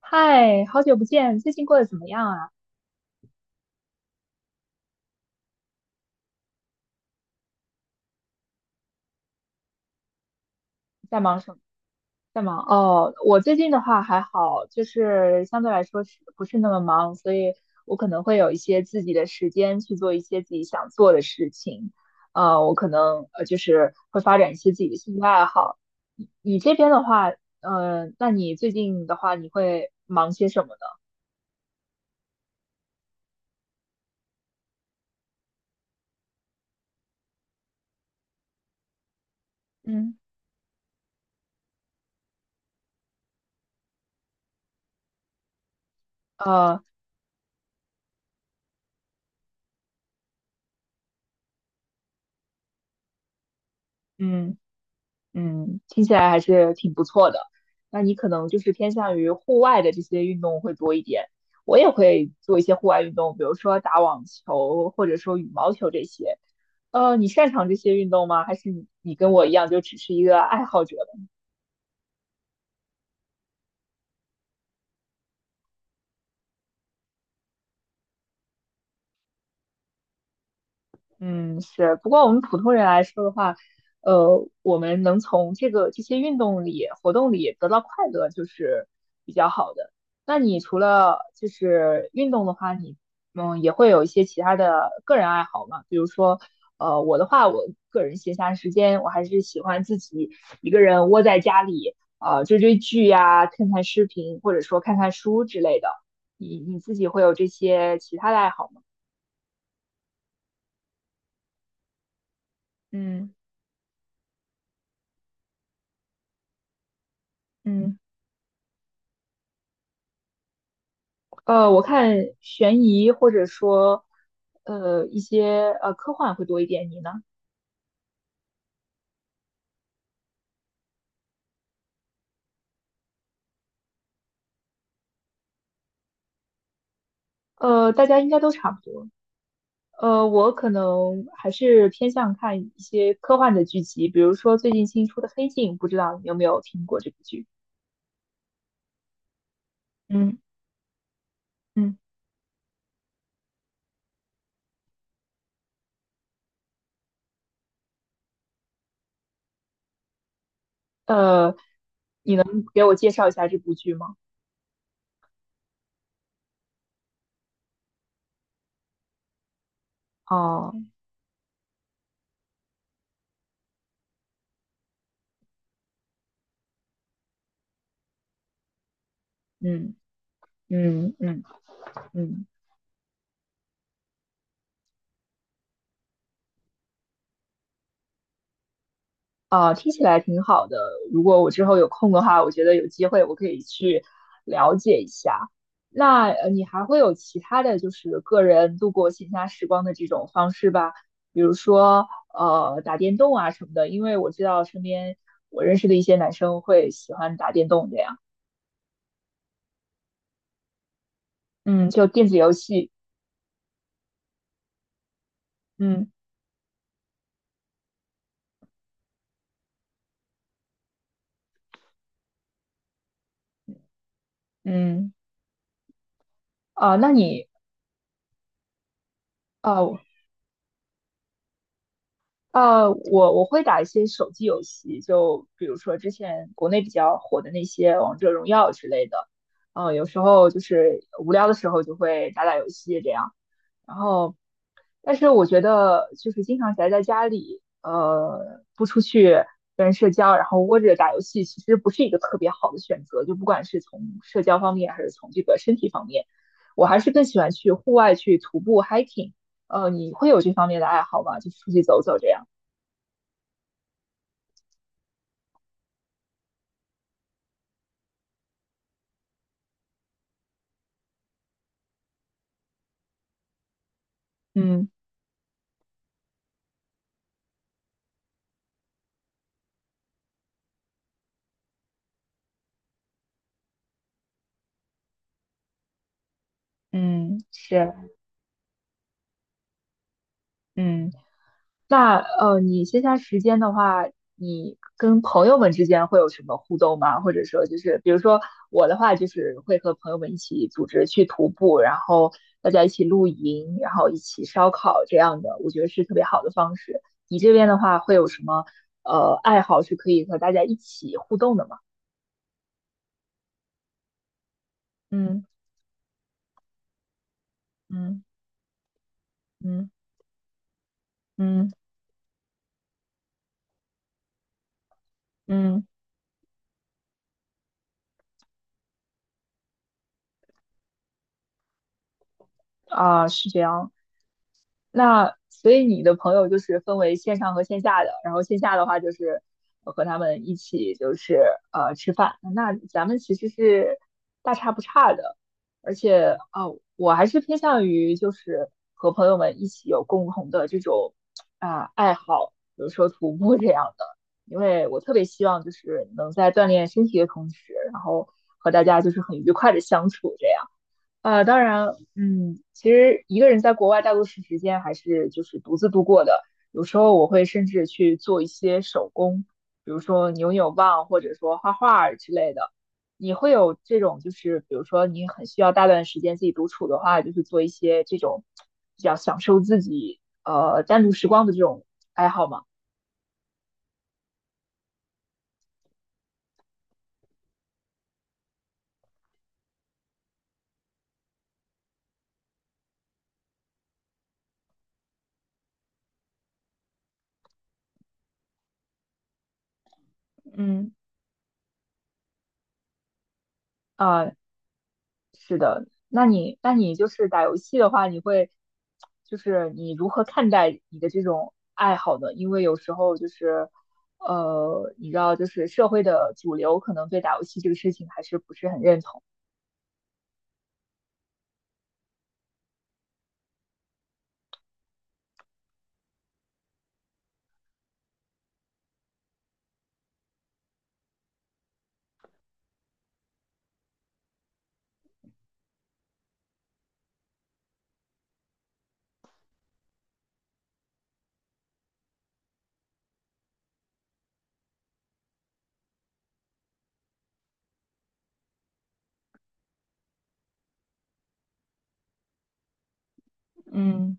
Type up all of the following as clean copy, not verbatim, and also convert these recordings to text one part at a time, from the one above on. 嗨，好久不见，最近过得怎么样啊？在忙什么？在忙哦，我最近的话还好，就是相对来说是不是那么忙，所以我可能会有一些自己的时间去做一些自己想做的事情。我可能就是会发展一些自己的兴趣爱好。你这边的话，那你最近的话，你会忙些什么呢？嗯，呃，嗯。嗯，听起来还是挺不错的。那你可能就是偏向于户外的这些运动会多一点。我也会做一些户外运动，比如说打网球或者说羽毛球这些。你擅长这些运动吗？还是你跟我一样就只是一个爱好者？嗯，是。不过我们普通人来说的话，我们能从这些运动里、活动里得到快乐，就是比较好的。那你除了就是运动的话，你嗯也会有一些其他的个人爱好嘛？比如说，我的话，我个人闲暇时间，我还是喜欢自己一个人窝在家里，追追剧呀、看看视频，或者说看看书之类的。你你自己会有这些其他的爱好吗？嗯嗯。嗯。我看悬疑或者说呃一些呃科幻会多一点，你呢？大家应该都差不多。我可能还是偏向看一些科幻的剧集，比如说最近新出的《黑镜》，不知道你有没有听过这部剧？嗯嗯，呃，你能给我介绍一下这部剧吗？哦，嗯嗯嗯嗯。啊，听起来挺好的。如果我之后有空的话，我觉得有机会我可以去了解一下。那你还会有其他的就是个人度过闲暇时光的这种方式吧？比如说打电动啊什么的。因为我知道身边我认识的一些男生会喜欢打电动这样。嗯，就电子游戏。嗯嗯。啊，那你啊，我会打一些手机游戏，就比如说之前国内比较火的那些《王者荣耀》之类的。有时候就是无聊的时候就会打打游戏这样。然后，但是我觉得就是经常宅在家里，不出去跟人社交，然后窝着打游戏，其实不是一个特别好的选择。就不管是从社交方面，还是从这个身体方面，我还是更喜欢去户外去徒步 hiking。你会有这方面的爱好吗？就出去走走这样。嗯嗯，是，嗯，那你线下时间的话，你跟朋友们之间会有什么互动吗？或者说，就是比如说我的话，就是会和朋友们一起组织去徒步，然后大家一起露营，然后一起烧烤这样的，我觉得是特别好的方式。你这边的话，会有什么爱好是可以和大家一起互动的吗？嗯嗯嗯嗯嗯啊，是这样。那所以你的朋友就是分为线上和线下的，然后线下的话就是和他们一起就是吃饭。那咱们其实是大差不差的，而且啊、我还是偏向于就是和朋友们一起有共同的这种啊、爱好，比如说徒步这样的，因为我特别希望就是能在锻炼身体的同时，然后和大家就是很愉快的相处这样。当然，嗯，其实一个人在国外大多数时间还是就是独自度过的。有时候我会甚至去做一些手工，比如说扭扭棒，或者说画画儿之类的。你会有这种就是，比如说你很需要大段时间自己独处的话，就是做一些这种比较享受自己单独时光的这种爱好吗？嗯。啊。那你就是打游戏的话，你会就是你如何看待你的这种爱好呢？因为有时候就是你知道，就是社会的主流可能对打游戏这个事情还是不是很认同。嗯。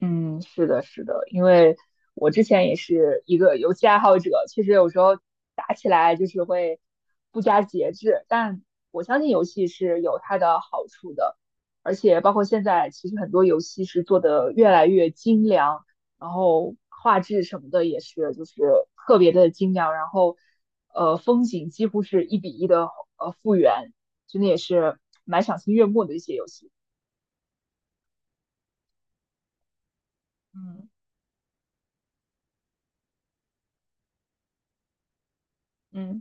嗯，是的，是的，因为我之前也是一个游戏爱好者，其实有时候打起来就是会不加节制，但我相信游戏是有它的好处的，而且包括现在，其实很多游戏是做的越来越精良，然后画质什么的也是就是特别的精良，然后风景几乎是一比一的复原，真的也是蛮赏心悦目的一些游戏。嗯嗯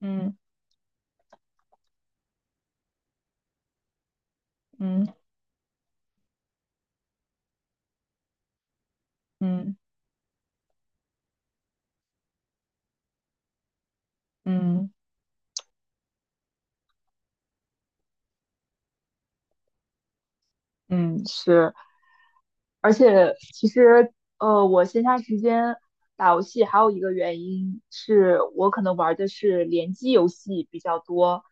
嗯嗯嗯。嗯嗯是，而且其实我闲暇时间打游戏还有一个原因是我可能玩的是联机游戏比较多，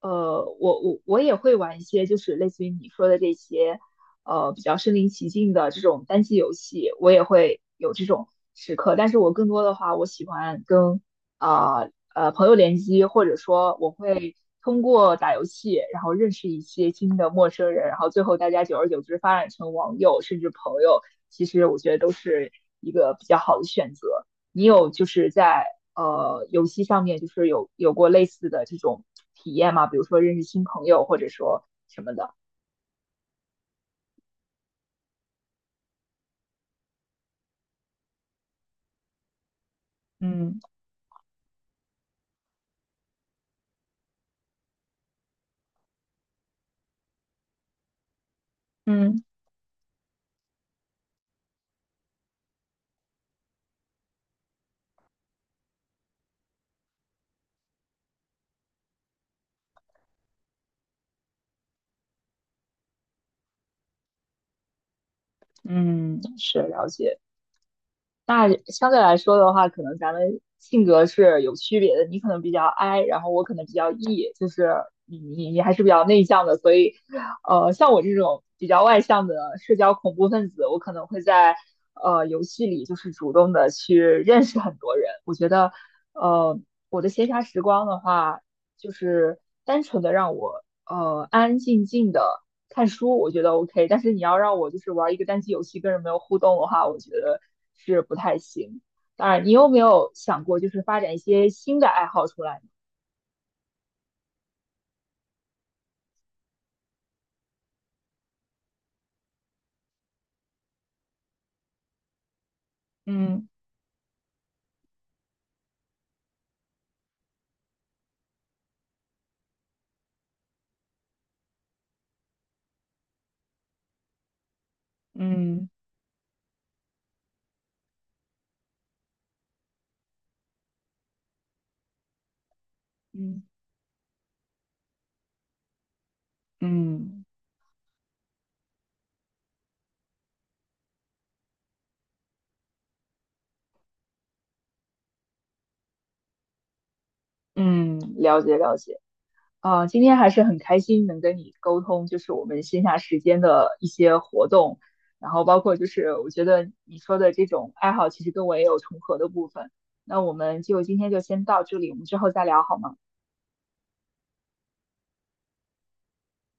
我也会玩一些就是类似于你说的这些比较身临其境的这种单机游戏，我也会有这种时刻，但是我更多的话，我喜欢跟啊，朋友联机，或者说我会通过打游戏，然后认识一些新的陌生人，然后最后大家久而久之发展成网友甚至朋友，其实我觉得都是一个比较好的选择。你有就是在游戏上面就是有过类似的这种体验吗？比如说认识新朋友，或者说什么的？嗯嗯嗯，是了解。那相对来说的话，可能咱们性格是有区别的。你可能比较 I，然后我可能比较 E，就是你还是比较内向的，所以，像我这种比较外向的社交恐怖分子，我可能会在游戏里就是主动的去认识很多人。我觉得，呃，我的闲暇时光的话，就是单纯的让我安安静静的。看书我觉得 OK，但是你要让我就是玩一个单机游戏跟人没有互动的话，我觉得是不太行。当然，你有没有想过就是发展一些新的爱好出来呢嗯嗯嗯嗯嗯，了解了解。啊，今天还是很开心能跟你沟通，就是我们线下时间的一些活动，然后包括就是我觉得你说的这种爱好，其实跟我也有重合的部分。那我们就今天就先到这里，我们之后再聊好吗？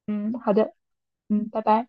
嗯好的，嗯嗯。拜拜。